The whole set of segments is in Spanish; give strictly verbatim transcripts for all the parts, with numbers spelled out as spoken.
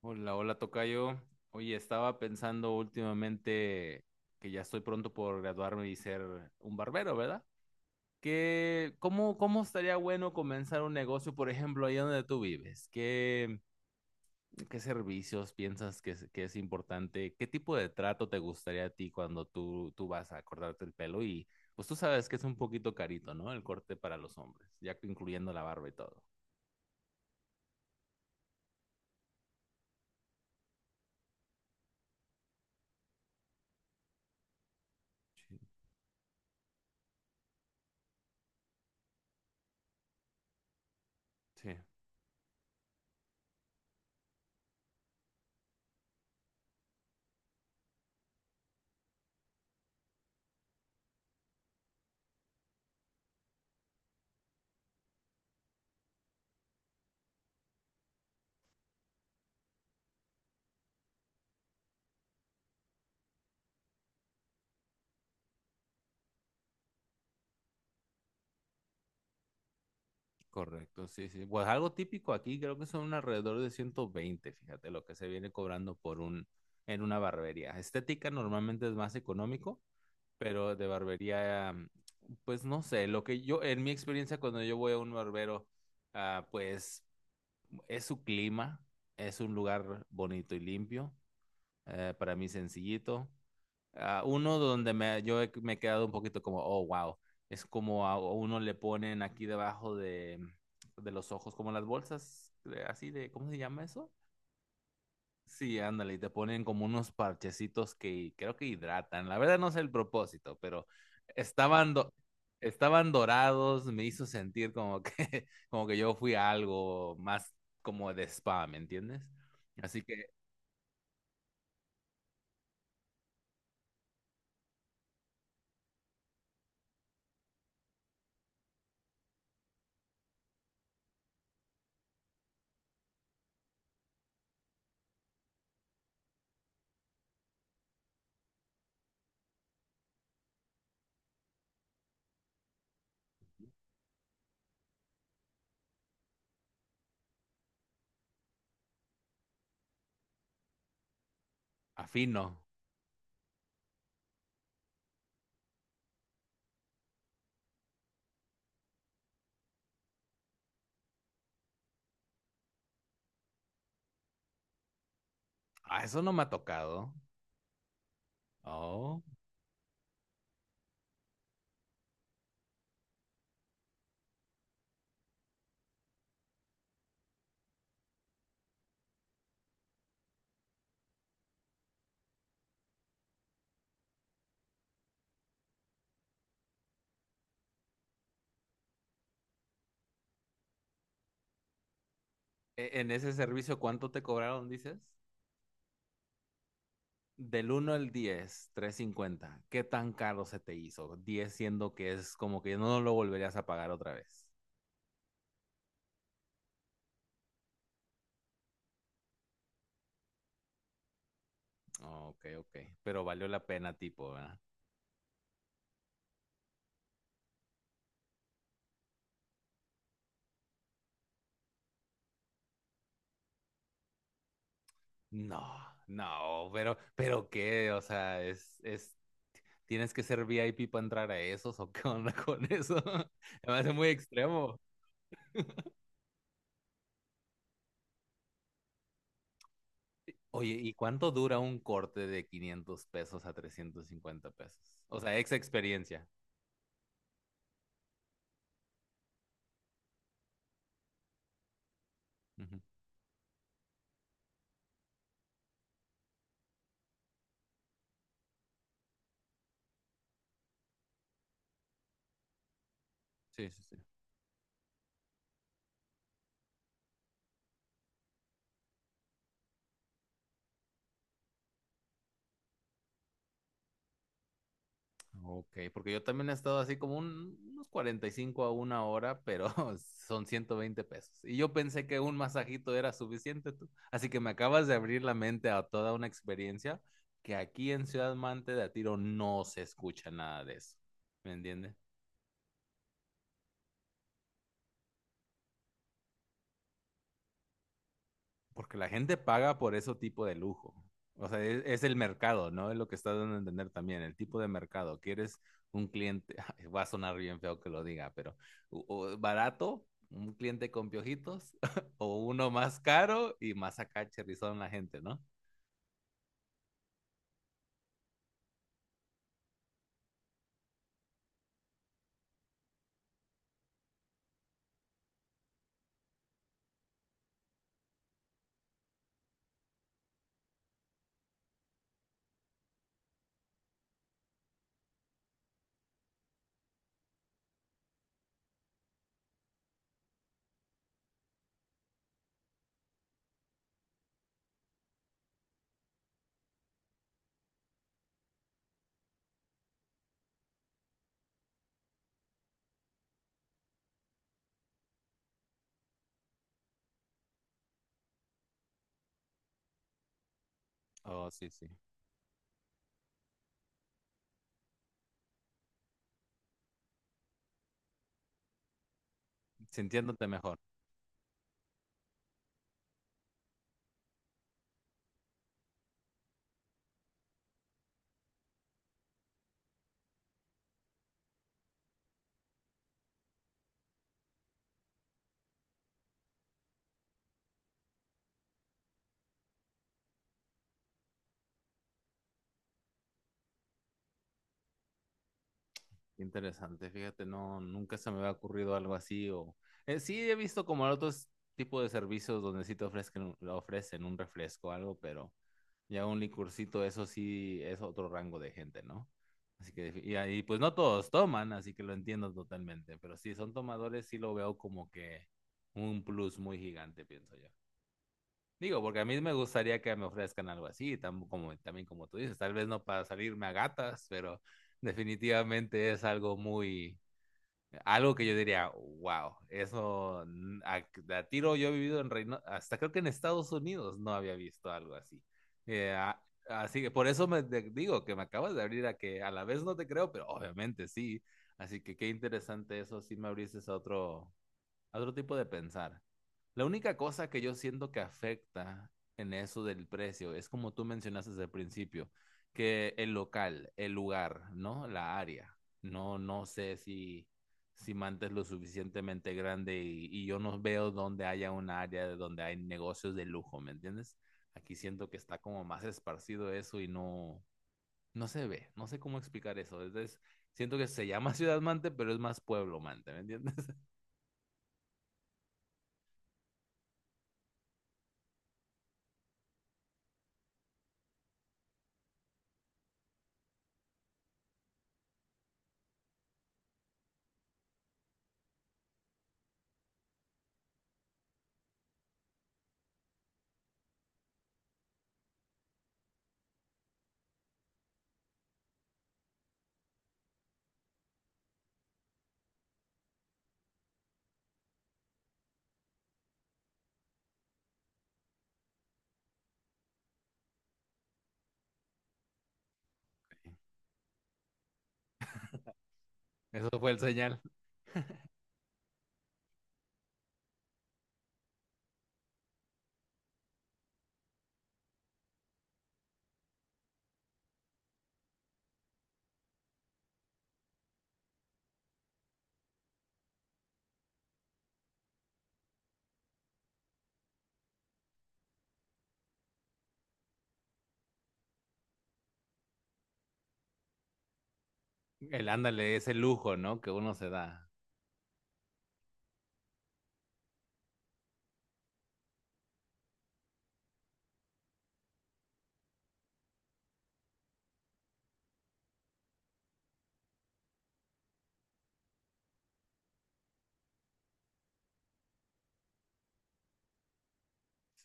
Hola, hola, tocayo. Oye, estaba pensando últimamente que ya estoy pronto por graduarme y ser un barbero, ¿verdad? ¿Qué, cómo, cómo estaría bueno comenzar un negocio, por ejemplo, ahí donde tú vives? ¿Qué, qué servicios piensas que es, que es importante? ¿Qué tipo de trato te gustaría a ti cuando tú, tú vas a cortarte el pelo? Y pues tú sabes que es un poquito carito, ¿no? El corte para los hombres, ya incluyendo la barba y todo. Sí, sí. Correcto, sí, sí. Pues algo típico aquí, creo que son alrededor de ciento veinte, fíjate, lo que se viene cobrando por un, en una barbería. Estética normalmente es más económico, pero de barbería, mm, pues no sé, lo que yo, en mi experiencia cuando yo voy a un barbero, ah, pues es su clima, es un lugar bonito y limpio, eh, para mí sencillito. Ah, uno donde me, yo he- me he quedado un poquito como, oh, wow. Es como a uno le ponen aquí debajo de, de los ojos, como las bolsas, de- así de, ¿cómo se llama eso? Sí, ándale, y te ponen como unos parchecitos que creo que hidratan. La verdad no sé el propósito, pero estaban, do- estaban dorados, me hizo sentir como que, como que yo fui a algo más como de spa, ¿me entiendes? Así que afino. Ah, eso no me ha tocado. Oh. E- En ese servicio, ¿cuánto te cobraron, dices? Del uno al diez, cincuenta. ¿Qué tan caro se te hizo? Diez siendo que es como que no lo volverías a pagar otra vez. Ok, ok. Pero valió la pena, tipo, ¿verdad? No, no, pero, pero qué, o sea, es, es, tienes que ser V I P para entrar a esos o qué onda con eso. Me parece muy extremo. Oye, ¿y cuánto dura un corte de quinientos pesos a trescientos cincuenta pesos? O sea, ex experiencia. Ujú. Sí, sí, sí. Ok, porque yo también he estado así como un- unos cuarenta y cinco a una hora, pero son ciento veinte pesos. Y yo pensé que un masajito era suficiente, tú. Así que me acabas de abrir la mente a toda una experiencia que aquí en Ciudad Mante de a tiro no se escucha nada de eso. ¿Me entiendes? Porque la gente paga por ese tipo de lujo. O sea, es, es el mercado, ¿no? Es lo que está dando a entender también, el tipo de mercado. Quieres un cliente, va a sonar bien feo que lo diga, pero o- o barato, un cliente con piojitos, o uno más caro y más acá cherrizón la gente, ¿no? Oh, sí, sí. Sintiéndote mejor. Interesante, fíjate, no, nunca se me había ocurrido algo así o eh, sí he visto como otros tipos de servicios donde sí te ofrecen, un- lo ofrecen un refresco o algo, pero ya un licurcito, eso sí es otro rango de gente, ¿no? Así que, y ahí pues no todos toman, así que lo entiendo totalmente, pero si son tomadores, sí lo veo como que un plus muy gigante, pienso yo. Digo, porque a mí me gustaría que me ofrezcan algo así, tam- como, también como tú dices, tal vez no para salirme a gatas, pero definitivamente es algo muy, algo que yo diría, wow, eso mm, a, a tiro yo he vivido en Reino, hasta creo que en Estados Unidos no había visto algo así. Eh, a- así que por eso me de- digo que me acabas de abrir a que a la vez no te creo, pero obviamente sí. Así que qué interesante eso, sí me abriste a otro, a otro tipo de pensar. La única cosa que yo siento que afecta en eso del precio es como tú mencionaste desde el principio, que el local, el lugar, ¿no? La área. No, no sé si, si Manta es lo suficientemente grande y, y yo no veo donde haya un área de donde hay negocios de lujo, ¿me entiendes? Aquí siento que está como más esparcido eso y no, no se ve. No sé cómo explicar eso. Entonces, siento que se llama Ciudad Mante, pero es más Pueblo Mante, ¿me entiendes? Eso fue el señal. El ándale, ese lujo, ¿no? Que uno se da.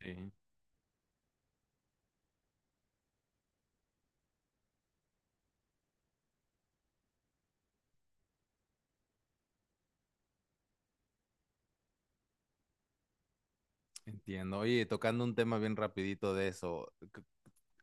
Sí, entiendo. Oye, tocando un tema bien rapidito de eso, c-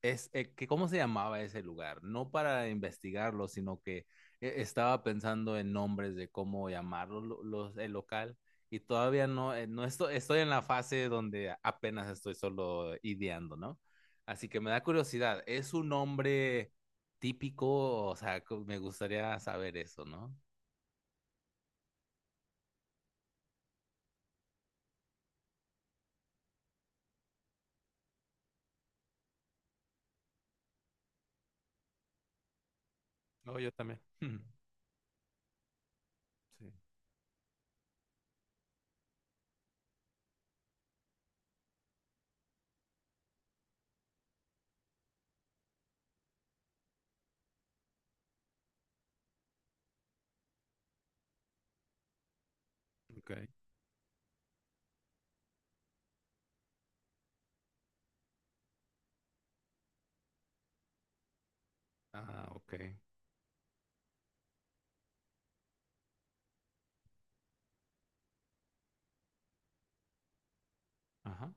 es, eh, que ¿cómo se llamaba ese lugar? No para investigarlo, sino que eh, estaba pensando en nombres de cómo llamarlo lo- los, el local y todavía no, eh, no estoy, estoy en la fase donde apenas estoy solo ideando, ¿no? Así que me da curiosidad, ¿es un nombre típico? O sea, co- me gustaría saber eso, ¿no? No, yo también. Sí. Ok. Ah, ok. Ajá.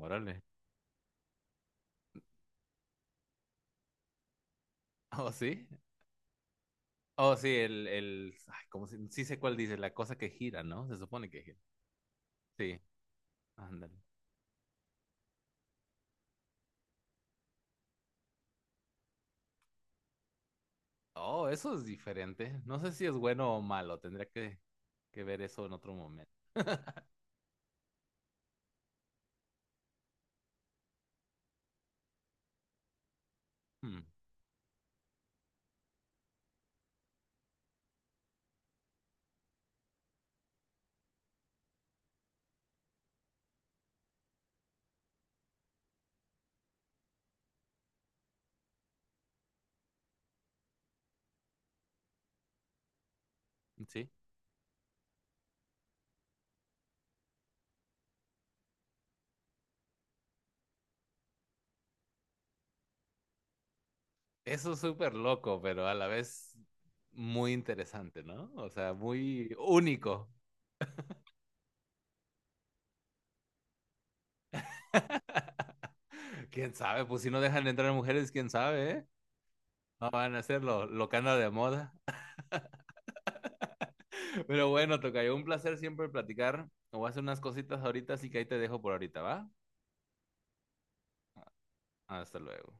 Órale. Oh, sí. Oh, sí, el, el, ay, ¿cómo se- sí sé cuál dice, la cosa que gira, ¿no? Se supone que gira. Sí, ándale. Oh, eso es diferente. No sé si es bueno o malo. Tendría que, que ver eso en otro momento. Hmm, sí. Eso es súper loco, pero a la vez muy interesante, ¿no? O sea, muy único. ¿Quién sabe? Pues si no dejan entrar mujeres, ¿quién sabe, eh? No van a hacer lo, lo que anda de moda. Pero bueno, tocayo, un placer siempre platicar. Me voy a hacer unas cositas ahorita, así que ahí te dejo por ahorita, ¿va? Hasta luego.